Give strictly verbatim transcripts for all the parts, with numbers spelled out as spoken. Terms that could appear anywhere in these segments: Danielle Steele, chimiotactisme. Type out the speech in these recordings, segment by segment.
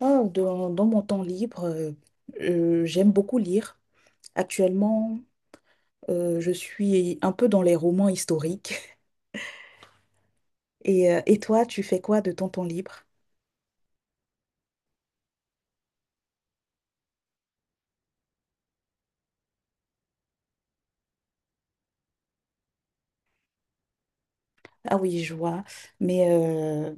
Ah. Dans, dans mon temps libre, euh, euh, j'aime beaucoup lire. Actuellement, euh, je suis un peu dans les romans historiques. Et, euh, et toi, tu fais quoi de ton temps libre? Ah oui, je vois. Mais euh,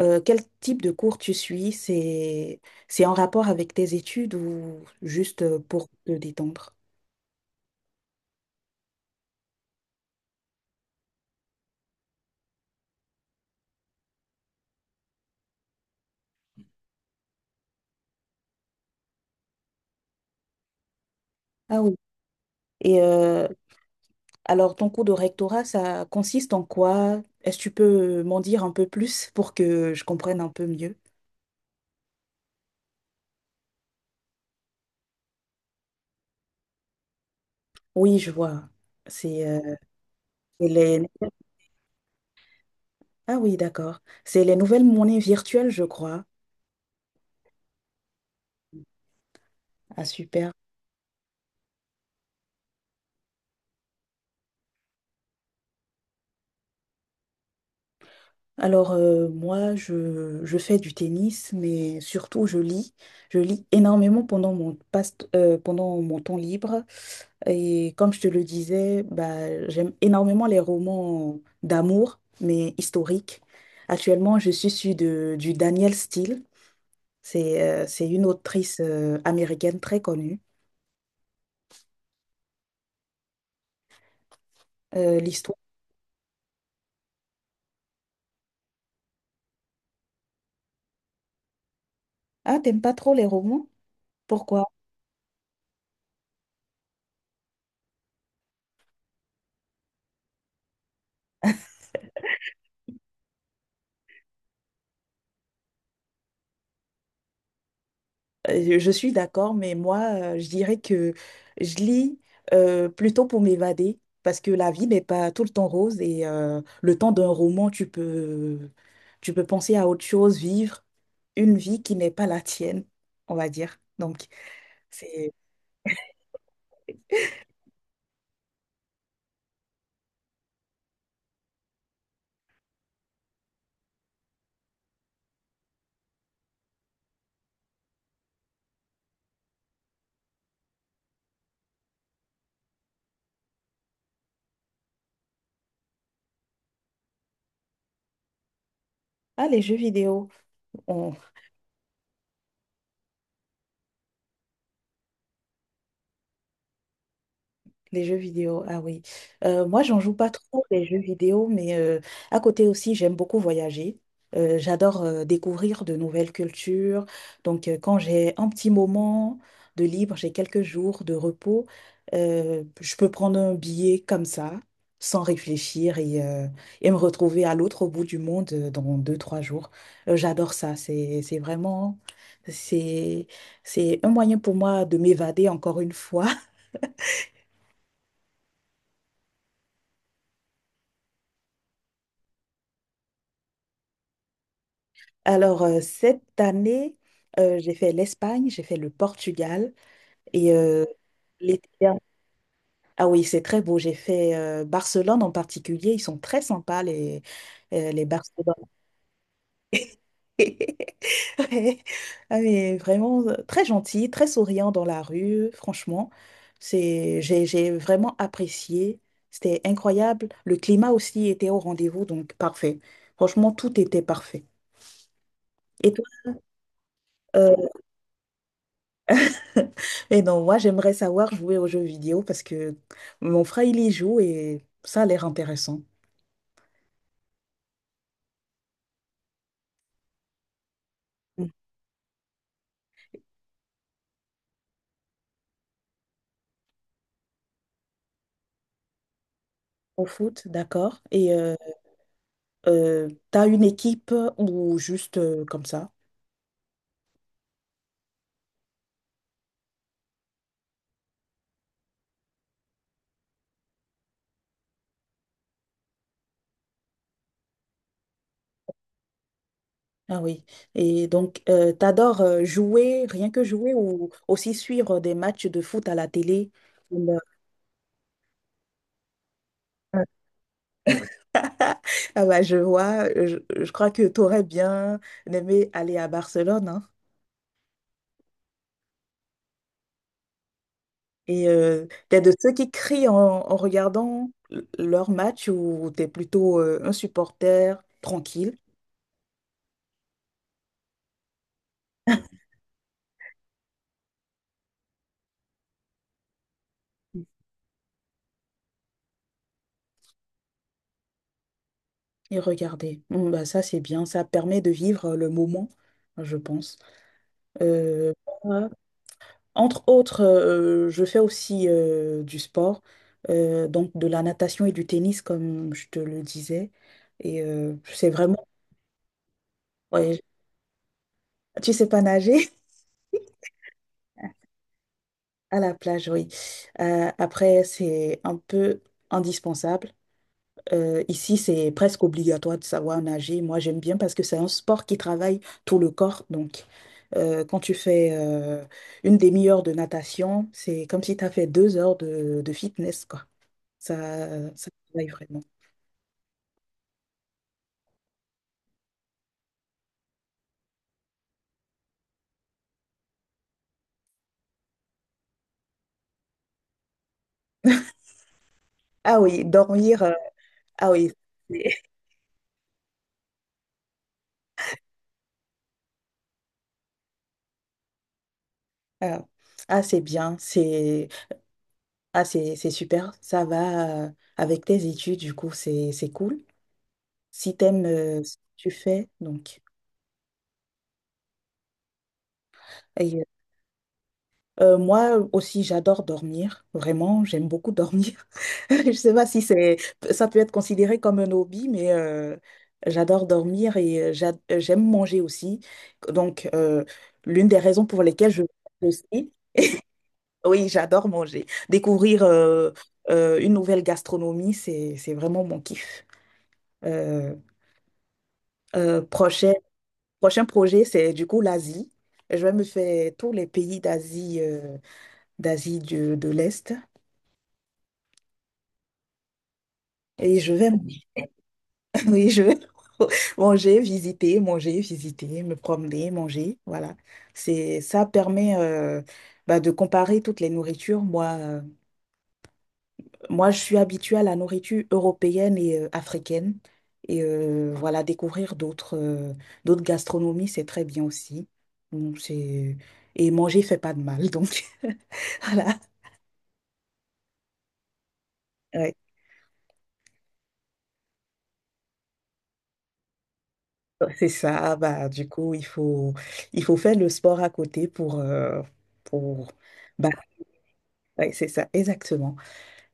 euh, quel type de cours tu suis? C'est, c'est en rapport avec tes études ou juste euh, pour te détendre? Ah oui. Et euh, alors, ton cours de rectorat, ça consiste en quoi? Est-ce que tu peux m'en dire un peu plus pour que je comprenne un peu mieux? Oui, je vois. C'est euh, Et les- Ah oui, d'accord. C'est les nouvelles monnaies virtuelles, je crois. Ah, super. Alors, euh, moi, je, je fais du tennis, mais surtout, je lis. Je lis énormément pendant mon, passe- euh, pendant mon temps libre. Et comme je te le disais, bah, j'aime énormément les romans d'amour, mais historiques. Actuellement, je suis sur de, du Danielle Steele. C'est euh, c'est une autrice euh, américaine très connue. Euh, l'histoire. Ah, t'aimes pas trop les romans? Pourquoi? Euh, Je suis d'accord, mais moi, euh, je dirais que je lis euh, plutôt pour m'évader, parce que la vie n'est pas tout le temps rose et euh, le temps d'un roman, tu peux, tu peux penser à autre chose, vivre une vie qui n'est pas la tienne, on va dire. Donc, c'est... Ah, les jeux vidéo, on, Les jeux vidéo, ah oui. Euh, moi, j'en joue pas trop les jeux vidéo, mais euh, à côté aussi, j'aime beaucoup voyager. Euh, j'adore euh, découvrir de nouvelles cultures. Donc, euh, quand j'ai un petit moment de libre, j'ai quelques jours de repos, euh, je peux prendre un billet comme ça, sans réfléchir, et, euh, et me retrouver à l'autre bout du monde euh, dans deux, trois jours. Euh, j'adore ça. C'est, c'est vraiment, c'est, c'est un moyen pour moi de m'évader encore une fois. Alors, euh, cette année, euh, j'ai fait l'Espagne, j'ai fait le Portugal et euh, l'été dernier- Ah oui, c'est très beau. J'ai fait euh, Barcelone en particulier. Ils sont très sympas, les, euh, les Barcelonais. Ouais. Ah, mais vraiment euh, très gentils, très souriants dans la rue. Franchement, c'est, j'ai, j'ai vraiment apprécié. C'était incroyable. Le climat aussi était au rendez-vous, donc parfait. Franchement, tout était parfait. Et toi, euh, Et non, moi, j'aimerais savoir jouer aux jeux vidéo parce que mon frère, il y joue et ça a l'air intéressant. Mm. Au foot, d'accord. Et euh, euh, t'as une équipe ou juste euh, comme ça? Ah oui. Et donc, euh, t'adores euh, jouer, rien que jouer ou aussi suivre des matchs de foot à la télé? Comme, euh, Ah bah, je vois, euh, je, je crois que t'aurais bien aimé aller à Barcelone, hein. Et euh, t'es de ceux qui crient en, en regardant l- leur match ou t'es plutôt euh, un supporter tranquille et regardez. Mm, bah ça, c'est bien. Ça permet de vivre euh, le moment, je pense. Euh, moi, entre autres, euh, je fais aussi euh, du sport, euh, donc de la natation et du tennis, comme je te le disais. Et euh, c'est vraiment... ouais, tu sais pas nager? À la plage, oui. Euh, après, c'est un peu indispensable. Euh, ici, c'est presque obligatoire de savoir nager. Moi, j'aime bien parce que c'est un sport qui travaille tout le corps. Donc, euh, quand tu fais euh, une demi-heure de natation, c'est comme si tu as fait deux heures de, de fitness, quoi. Ça, ça travaille vraiment. Ah oui, dormir. euh, ah oui. Ah, ah, c'est bien. C'est ah, c'est c'est super. Ça va euh, avec tes études, du coup, c'est c'est cool. Si t'aimes euh, ce que tu fais, donc. Euh, moi aussi, j'adore dormir. Vraiment, j'aime beaucoup dormir. Je sais pas si c'est, ça peut être considéré comme un hobby, mais euh, j'adore dormir et euh, j'a- euh, j'aime manger aussi. Donc, euh, l'une des raisons pour lesquelles je aussi, oui, j'adore manger. Découvrir euh, euh, une nouvelle gastronomie, c'est c'est vraiment mon kiff. Euh, euh, prochain prochain projet, c'est du coup l'Asie. Je vais me faire tous les pays d'Asie euh, d'Asie de, de l'Est. Et je vais oui, je manger, visiter, manger, visiter, me promener, manger. Voilà. C'est ça permet euh, bah, de comparer toutes les nourritures. Moi, euh, moi, je suis habituée à la nourriture européenne et euh, africaine. Et euh, voilà, découvrir d'autres euh, d'autres gastronomies, c'est très bien aussi. Donc, c'est... Et manger fait pas de mal, donc voilà. Ouais. C'est ça. Ah bah, du coup, il faut, il faut faire le sport à côté pour, euh, pour, bah, ouais, c'est ça, exactement.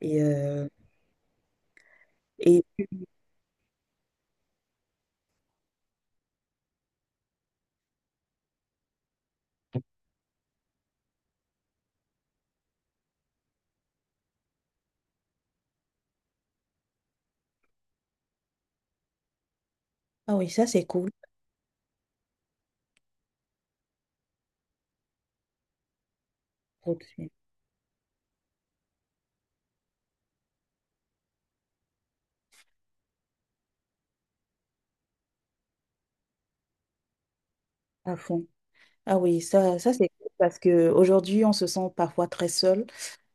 Et, euh, et ah oui, ça c'est cool, produire à fond. Ah oui, ça, ça c'est cool parce que aujourd'hui on se sent parfois très seul.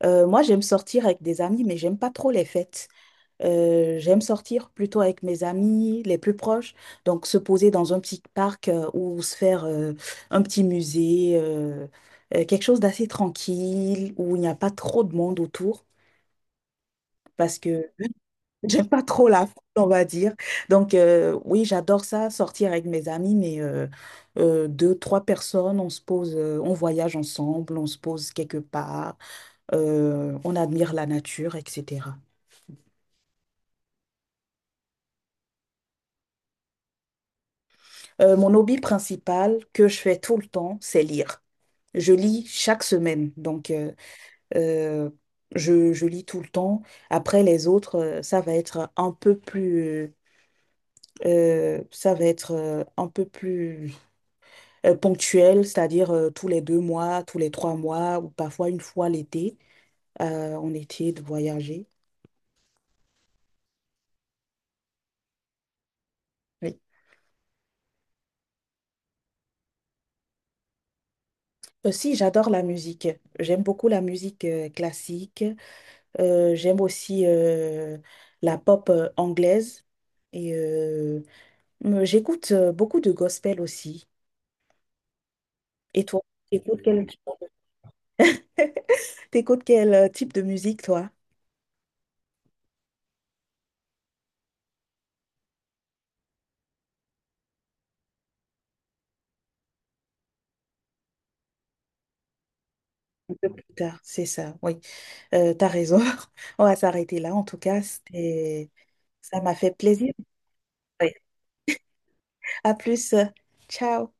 Euh, moi j'aime sortir avec des amis, mais j'aime pas trop les fêtes. Euh, j'aime sortir plutôt avec mes amis les plus proches, donc se poser dans un petit parc euh, ou se faire euh, un petit musée, euh, euh, quelque chose d'assez tranquille où il n'y a pas trop de monde autour, parce que j'aime pas trop la foule, on va dire. Donc, euh, oui, j'adore ça, sortir avec mes amis, mais euh, euh, deux, trois personnes, on se pose, euh, on voyage ensemble, on se pose quelque part, euh, on admire la nature, et cetera. Euh, mon hobby principal que je fais tout le temps, c'est lire. Je lis chaque semaine, donc euh, euh, je, je lis tout le temps. Après, les autres, euh, ça va être un peu plus... euh, ça va être euh, un peu plus euh, ponctuelles, c'est-à-dire euh, tous les deux mois, tous les trois mois, ou parfois une fois l'été, euh, on était de voyager. Oui. Aussi, j'adore la musique. J'aime beaucoup la musique euh, classique. Euh, j'aime aussi euh, la pop euh, anglaise. Et euh, me- j'écoute euh, beaucoup de gospel aussi. Et toi, t'écoutes quel, t'écoutes quel euh, type de musique, toi? Un peu plus tard, c'est ça, oui. Euh, t'as raison. On va s'arrêter là. En tout cas, c'était... Ça m'a fait plaisir. Oui. À plus. Ciao.